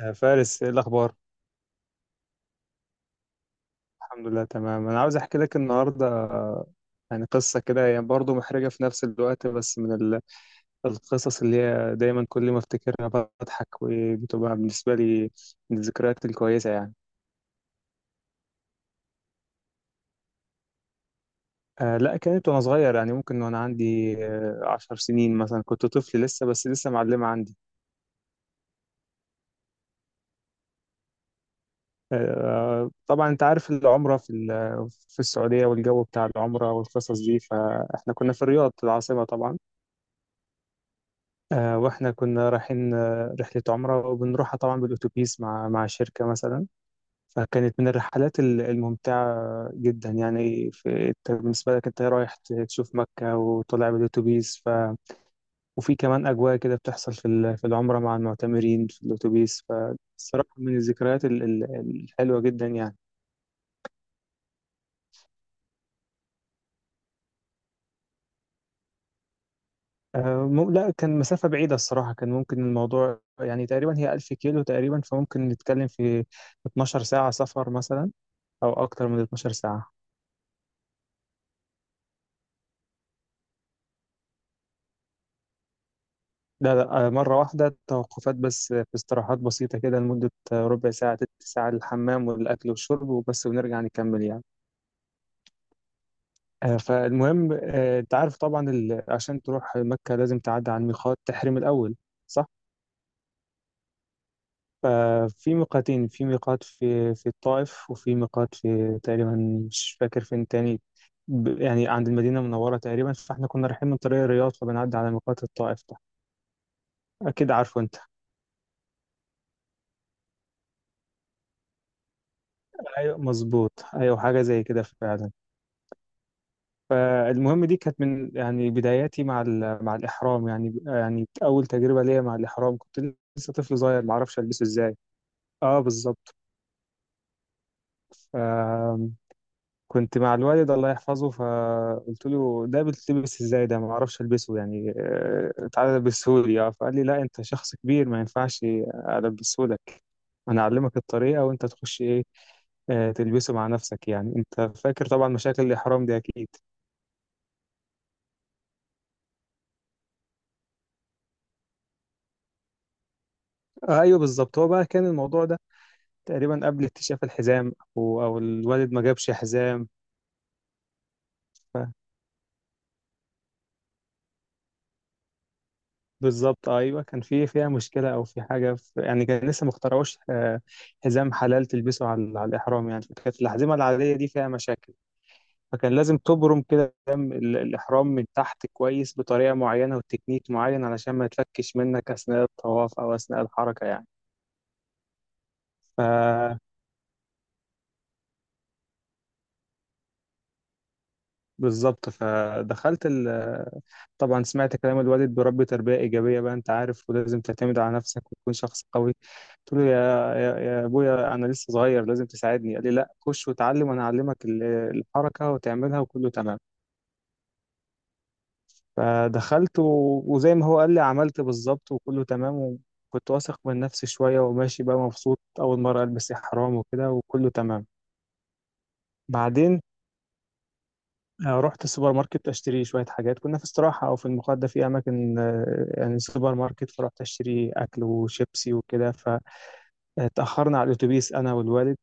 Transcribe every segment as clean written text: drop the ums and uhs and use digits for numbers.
يا فارس ايه الاخبار؟ الحمد لله تمام، انا عاوز احكي لك النهارده يعني قصه كده هي برضه محرجه في نفس الوقت، بس من القصص اللي هي دايما كل ما افتكرها بضحك، وبتبقى بالنسبه لي من الذكريات الكويسه يعني. آه لا، كانت وانا صغير، يعني ممكن وانا عندي عشر سنين مثلا، كنت طفل لسه، بس لسه معلمه عندي. آه طبعا انت عارف العمره في السعوديه، والجو بتاع العمره والقصص دي، فاحنا كنا في الرياض العاصمه طبعا. واحنا كنا رايحين رحلة عمرة، وبنروحها طبعا بالأتوبيس مع شركة مثلا. فكانت من الرحلات الممتعة جدا يعني، في أنت بالنسبة لك انت رايح تشوف مكة وطالع بالأتوبيس ف... وفي كمان أجواء كده بتحصل في العمرة مع المعتمرين في الأتوبيس، فالصراحة من الذكريات الحلوة جدا يعني. لا، كان مسافة بعيدة الصراحة، كان ممكن الموضوع يعني تقريبا هي 1,000 كيلو تقريبا، فممكن نتكلم في 12 ساعة سفر مثلا، أو أكتر من 12 ساعة. لا لا، مرة واحدة توقفات بس، في استراحات بسيطة كده لمدة ربع ساعة تلت ساعة للحمام والأكل والشرب وبس، ونرجع نكمل يعني. فالمهم أنت عارف طبعا عشان تروح مكة لازم تعدي على الميقات تحرم الأول، صح؟ ففي ميقاتين، في ميقات في الطائف، وفي ميقات في تقريبا، مش فاكر فين تاني، يعني عند المدينة المنورة تقريبا، فاحنا كنا رايحين من طريق الرياض فبنعدي على ميقات الطائف ده، أكيد عارفه أنت. ايوه مظبوط، ايوه حاجه زي كده فعلا. فالمهم، دي كانت من يعني بداياتي مع مع الاحرام، يعني اول تجربه ليا مع الاحرام، كنت لسه طفل صغير ما اعرفش البسه ازاي. اه بالظبط. آم، كنت مع الوالد الله يحفظه، فقلت له ده بتلبس ازاي؟ ده ما اعرفش البسه يعني، تعالى البسه لي. اه، فقال لي لا، انت شخص كبير، ما ينفعش البسه لك، انا اعلمك الطريقه وانت تخش ايه، تلبسه مع نفسك. يعني انت فاكر طبعا مشاكل الاحرام دي اكيد. ايوه بالظبط، هو بقى كان الموضوع ده تقريبا قبل اكتشاف الحزام، او الوالد ما جابش حزام. ف- بالظبط، ايوه كان في، فيها مشكله او في حاجه في، يعني كان لسه ما اخترعوش حزام حلال تلبسه على الاحرام يعني، فكانت الاحزمه العاديه دي فيها مشاكل. فكان لازم تبرم كده دم الاحرام من تحت كويس بطريقه معينه وتكنيك معين علشان ما يتفكش منك اثناء الطواف او اثناء الحركه يعني. بالظبط، فدخلت ال... طبعا سمعت كلام الوالد، بربي تربية إيجابية بقى أنت عارف، ولازم تعتمد على نفسك وتكون شخص قوي. قلت له يا يا أبويا، أنا لسه صغير لازم تساعدني. قال لي لا، خش وتعلم، وأنا أعلمك الحركة وتعملها وكله تمام. فدخلت و... وزي ما هو قال لي، عملت بالظبط وكله تمام، وكنت واثق من نفسي شوية وماشي بقى مبسوط، أول مرة ألبس إحرام وكده، وكله تمام. بعدين رحت السوبر ماركت اشتري شويه حاجات، كنا في استراحه او في المقعد ده في اماكن يعني سوبر ماركت، فرحت اشتري اكل وشيبسي وكده، فتاخرنا على الاتوبيس انا والوالد.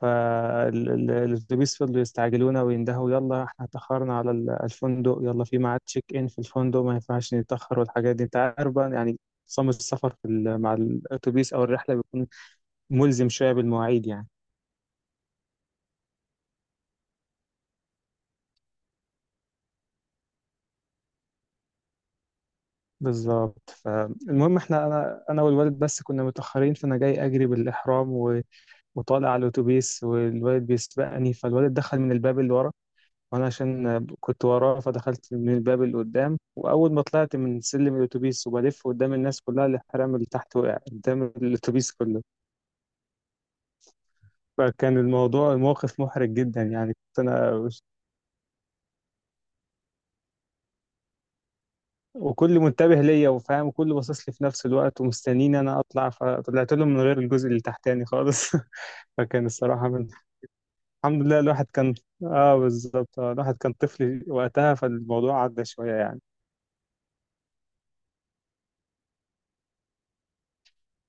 فالاتوبيس فضلوا يستعجلونا ويندهوا، يلا احنا اتاخرنا على الفندق، يلا في ميعاد تشيك ان في الفندق، ما ينفعش نتاخر، والحاجات دي انت عارف بقى يعني نظام السفر مع الاتوبيس او الرحله، بيكون ملزم شويه بالمواعيد يعني. بالظبط، فالمهم احنا، انا والوالد بس كنا متاخرين، فانا جاي اجري بالاحرام و... وطالع على الاتوبيس، والوالد بيسبقني، فالوالد دخل من الباب اللي ورا، وانا عشان كنت وراه فدخلت من الباب اللي قدام، واول ما طلعت من سلم الاتوبيس وبلف قدام الناس كلها، الاحرام اللي تحت وقع قدام الاتوبيس كله. فكان الموضوع، الموقف محرج جدا يعني، كنت انا وكل منتبه ليا وفاهم، وكل باصص لي في نفس الوقت ومستنيني انا اطلع، فطلعت لهم من غير الجزء اللي تحتاني خالص فكان الصراحه من، الحمد لله الواحد كان، اه بالظبط، آه الواحد كان طفل وقتها فالموضوع عدى شويه يعني.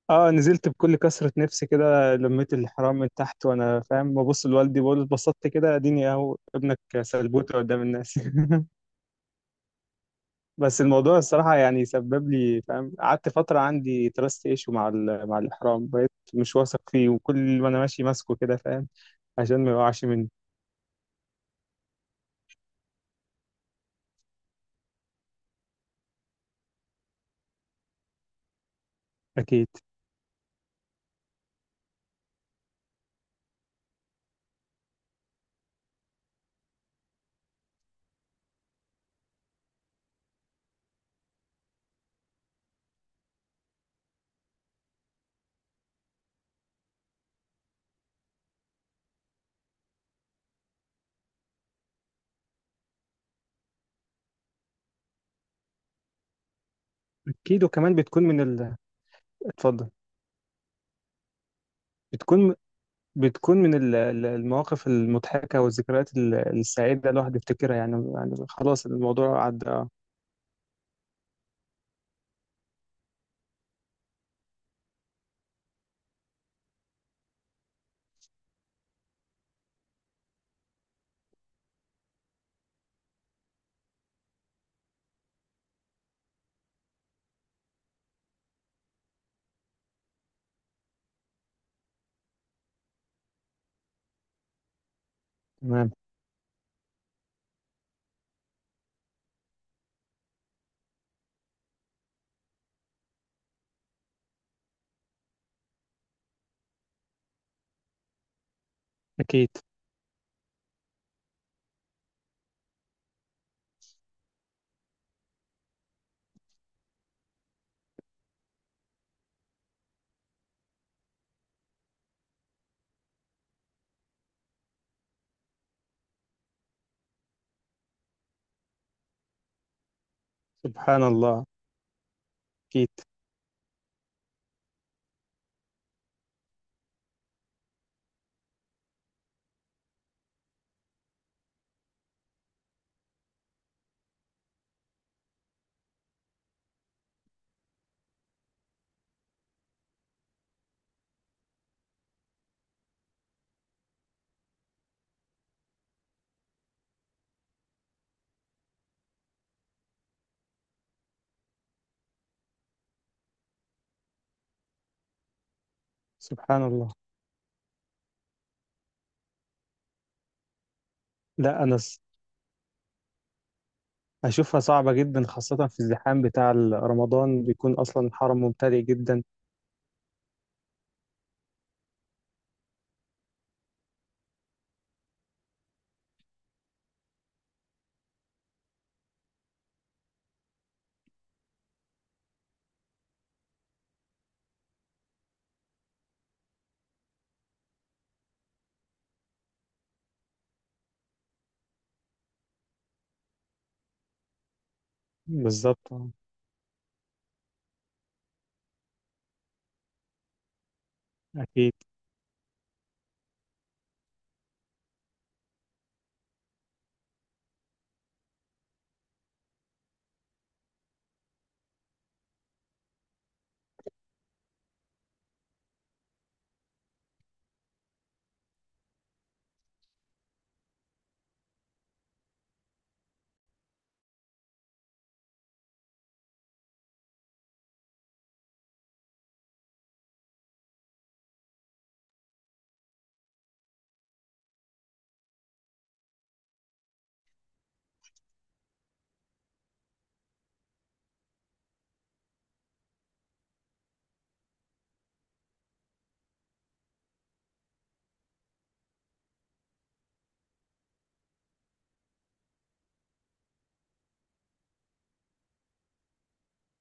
اه، نزلت بكل كثره نفسي كده، لميت الحرام من تحت وانا فاهم، ببص لوالدي بقول له اتبسطت كده، اديني اهو ابنك سلبوته قدام الناس بس الموضوع الصراحة يعني سبب لي، فاهم، قعدت فترة عندي تراست ايشو مع مع الإحرام، بقيت مش واثق فيه، وكل ما أنا ماشي ماسكه كده فاهم، عشان ما يقعش مني. أكيد. أكيد، وكمان بتكون من ال، اتفضل. بتكون بتكون من المواقف المضحكة والذكريات السعيدة، الواحد بيفتكرها يعني، يعني خلاص الموضوع عدى تمام. أكيد. سبحان الله. أكيد. سبحان الله. لا، أنا أشوفها صعبة جدا، خاصة في الزحام بتاع رمضان، بيكون أصلا حرم ممتلئ جدا. بالظبط، أكيد.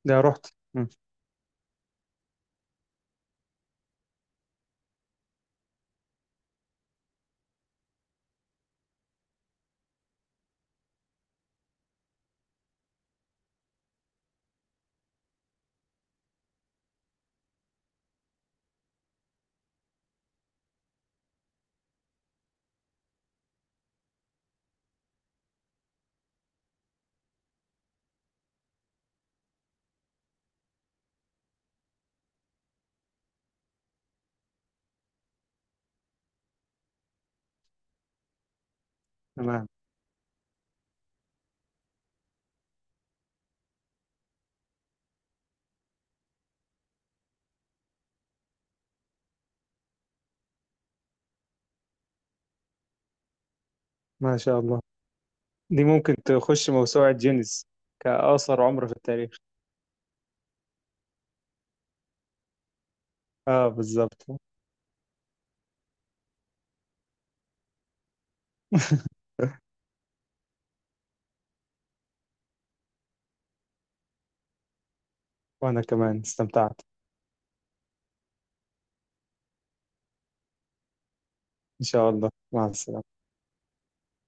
ده رحت. مم، تمام. ما شاء الله، دي ممكن تخش موسوعة جينيس كأقصر عمر في التاريخ. آه بالظبط وأنا كمان استمتعت. إن شاء الله، مع السلامة.